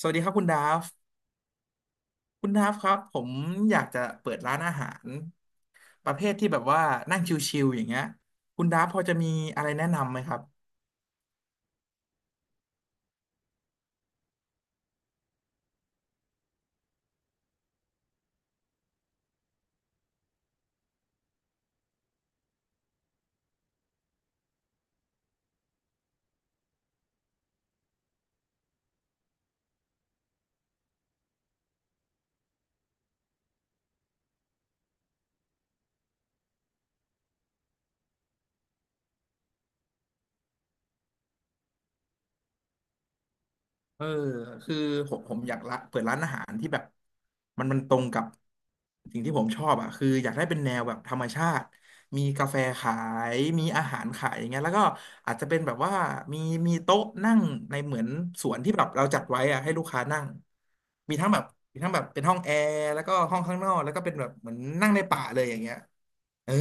สวัสดีครับคุณดาฟคุณดาฟครับผมอยากจะเปิดร้านอาหารประเภทที่แบบว่านั่งชิลๆอย่างเงี้ยคุณดาฟพอจะมีอะไรแนะนำไหมครับ เออคือผมอยากละเปิดร้านอาหารที่แบบมันตรงกับสิ่งที่ผมชอบอ่ะคืออยากได้เป็นแนวแบบธรรมชาติมีกาแฟขายมีอาหารขายอย่างเงี้ยแล้วก็อาจจะเป็นแบบว่ามีมีโต๊ะนั่งในเหมือนสวนที่แบบเราจัดไว้อ่ะให้ลูกค้านั่งมีทั้งแบบมีทั้งแบบเป็นห้องแอร์แล้วก็ห้องข้างนอกแล้วก็เป็นแบบเหมือนนั่งในป่าเลยอย่างเงี้ยเออ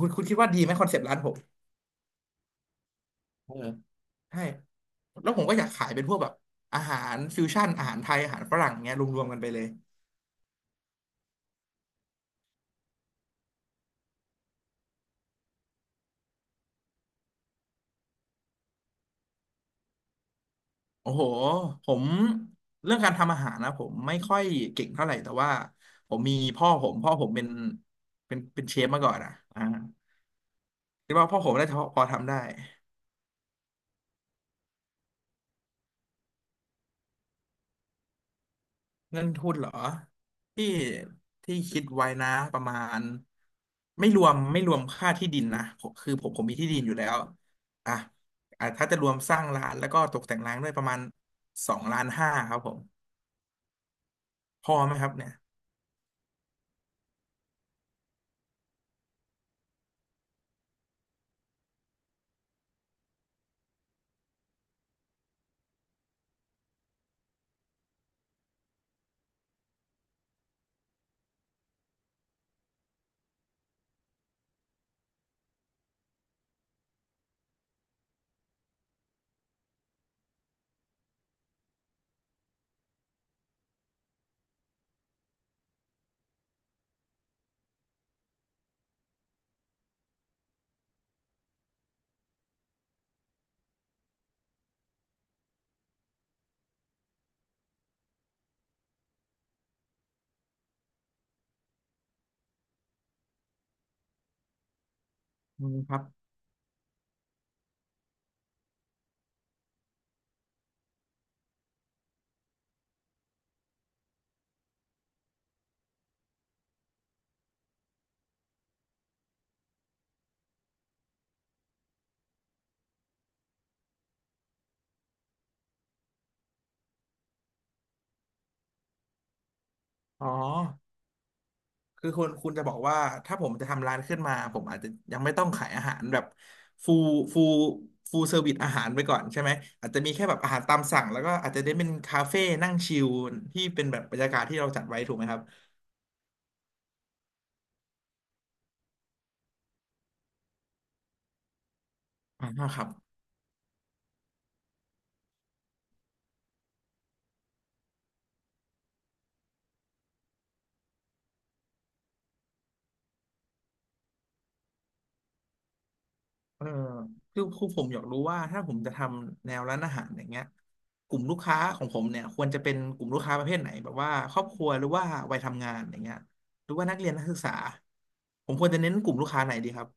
คุณคิดว่าดีไหมคอนเซปต์ร้านผม เออใช่แล้วผมก็อยากขายเป็นพวกแบบอาหารฟิวชั่นอาหารไทยอาหารฝรั่งเงี้ยรวมๆกันไปเลยโอ้โหผมเรื่องการทำอาหารนะผมไม่ค่อยเก่งเท่าไหร่แต่ว่าผมมีพ่อผมเป็นเชฟมาก่อนอ่ะอ่าคิดว่าพ่อผมน่าจะพอทำได้ เงินทุนเหรอที่ที่คิดไว้นะประมาณไม่รวมค่าที่ดินนะผมคือผมมีที่ดินอยู่แล้วอ่ะอ่ะถ้าจะรวมสร้างร้านแล้วก็ตกแต่งร้านด้วยประมาณ2.5 ล้านครับผมพอไหมครับเนี่ยอืมครับอ๋อ คือคุณจะบอกว่าถ้าผมจะทำร้านขึ้นมาผมอาจจะยังไม่ต้องขายอาหารแบบฟูลฟูลฟูลเซอร์วิสอาหารไปก่อนใช่ไหมอาจจะมีแค่แบบอาหารตามสั่งแล้วก็อาจจะได้เป็นคาเฟ่นั่งชิลที่เป็นแบบบรรยากาศที่เราจัดไว้ถูกไหมครับอ่าครับเออคือผมอยากรู้ว่าถ้าผมจะทำแนวร้านอาหารอย่างเงี้ยกลุ่มลูกค้าของผมเนี่ยควรจะเป็นกลุ่มลูกค้าประเภทไหนแบบว่าครอบครัวหรือว่าวัยทำงานอย่างเงี้ยหรือว่านักเรียนนักศึกษาผมควรจะเน้นกลุ่มลูกค้าไหนดีครับ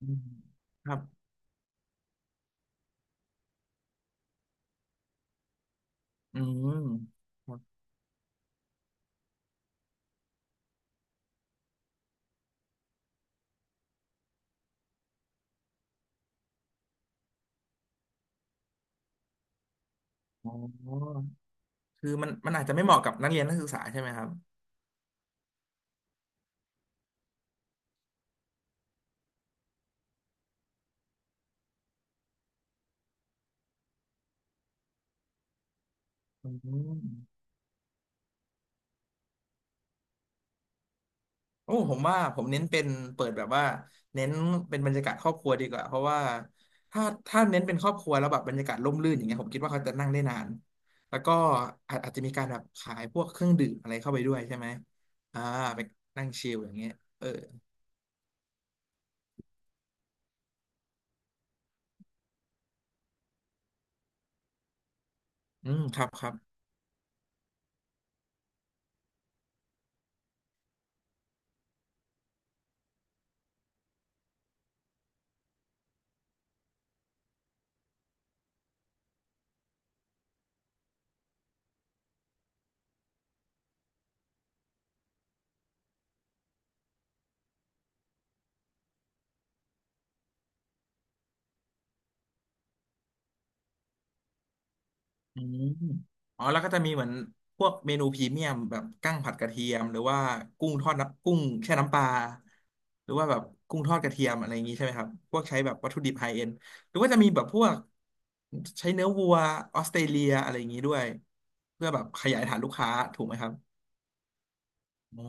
อืมครับ อืมครับอ๋อคือมันอาจจะไม่เหมาะกับนักเรียนนักศึกษาใช่ไหมครับอืมโอ้ผมว่าผมเน้นเป็นเปิดแบบว่าเน้นเป็นบรรยากาศครอบครัวดีกว่าเพราะว่าถ้าเน้นเป็นครอบครัวแล้วแบบบรรยากาศร่มรื่นอย่างเงี้ยผมคิดว่าเขาจะนั่งได้นานแล้วก็อาจจะมีการแบบขายพวกเครื่องดื่มอะไรเข้าไปด้วยใช่ไหมอ่าไปนั่งชิลอย่างเงี้ยเอออืมครับครับ อืมอ๋อแล้วก็จะมีเหมือนพวกเมนูพรีเมียมแบบกั้งผัดกระเทียมหรือว่ากุ้งทอดน้ำกุ้งแช่น้ำปลาหรือว่าแบบกุ้งทอดกระเทียมอะไรอย่างนี้ใช่ไหมครับพวกใช้แบบวัตถุดิบไฮเอ็นหรือว่าจะมีแบบพวกใช้เนื้อวัวออสเตรเลียอะไรอย่างนี้ด้วยเพื่อแบบขยายฐานลูกค้าถูกไหมครับอ๋อ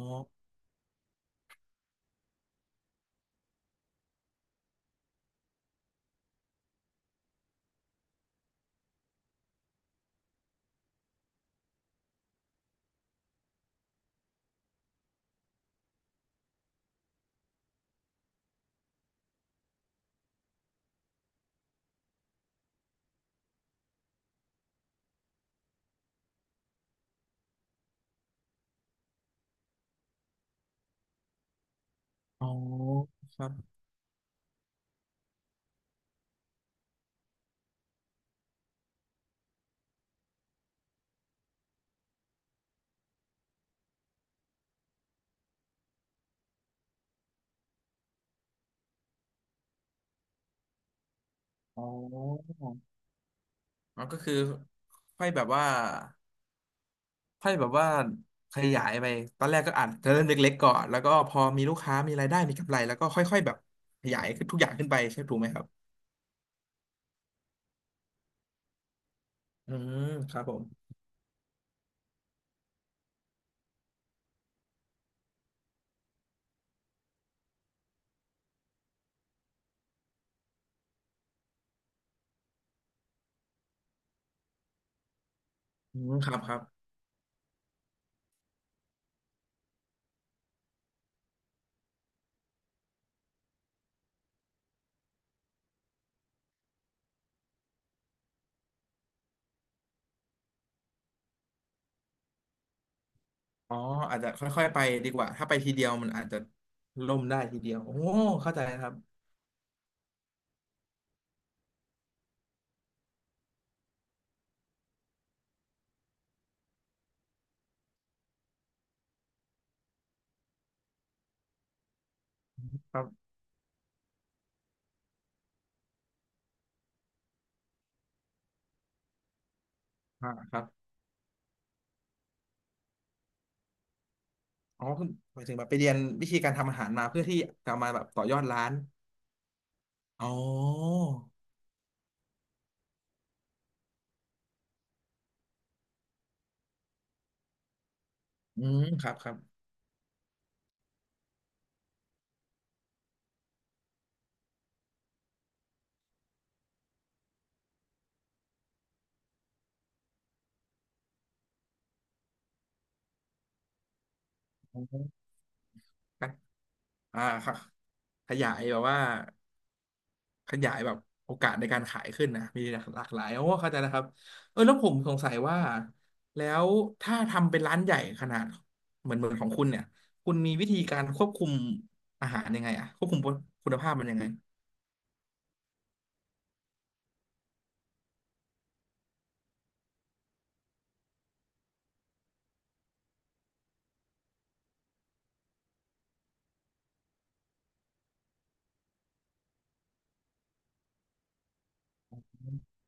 อ๋อครับอ๋ออ๋อก็คือค่อยแบบว่า ค่อยแบบว่าขยายไปตอนแรกก็อาจจะเริ่มเล็กๆก่อนแล้วก็พอมีลูกค้ามีรายได้มีกำไรแล้วก็ค่อยๆแบบขยายขึ้นทุกอย่างขึ้นไปใช่ถูกไหมครับอืมครับผมอืมครับครับอ๋ออาจจะค่อยๆไปดีกว่าถ้าไปทีเดียวมันอาจจะล่มได้ทีเดียวโอ้เข้าใจครับครับอ่าครับอ๋อคือหมายถึงแบบไปเรียนวิธีการทำอาหารมาเพื่อที่จะมาแบบต่อยอดร้านอ๋ออืมครับครับอ๋ออ่าครับขยายแบบว่า ขยายแบบโอกาสในการขายขึ้นนะมีหลากหลายโอ้เข้าใจแล้วครับเออแล้วผมสงสัยว่าแล้วถ้าทำเป็นร้านใหญ่ขนาดเหมือนของคุณเนี่ยคุณมีวิธีการควบคุมอาหารยังไงอะควบคุมคุณภาพมันยังไง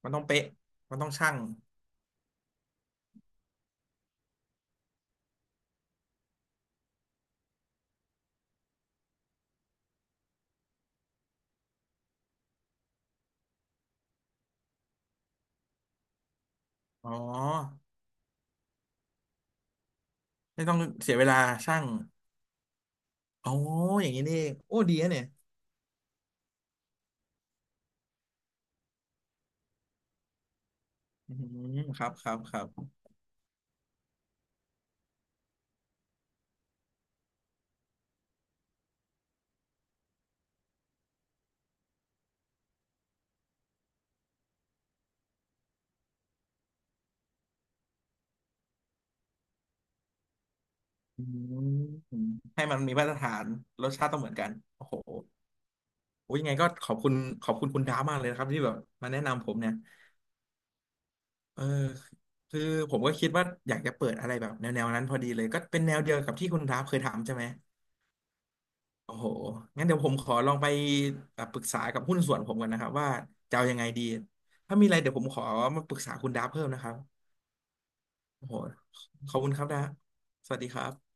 มันต้องเป๊ะมันต้องชั่งอ๋อไม่ต้องเสียเวลาชั่งอ๋ออย่างนี้นี่เองโอ้ดีนะเนี่ยอืมครับครับครับอืมให้มันมีมาตรฐานรสชาติต้องเหมือนกันโอ้โห โอ้ยยังไงก็ขอบคุณคุณดาวมากเลยนะครับที่แบบมาแนะนำผมเนี่ยเออคือผมก็คิดว่าอยากจะเปิดอะไรแบบแนวนั้นพอดีเลยก็เป็นแนวเดียวกับที่คุณดาวเคยถามใช่ไหมโอ้โหงั้นเดี๋ยวผมขอลองไปปรึกษากับหุ้นส่วนผมก่อนนะครับว่าจะเอายังไงดีถ้ามีอะไรเดี๋ยวผมขอมาปรึกษาคุณดาวเพิ่มนะครับโอ้โหขอบคุณครับดาวสวัสดีครับ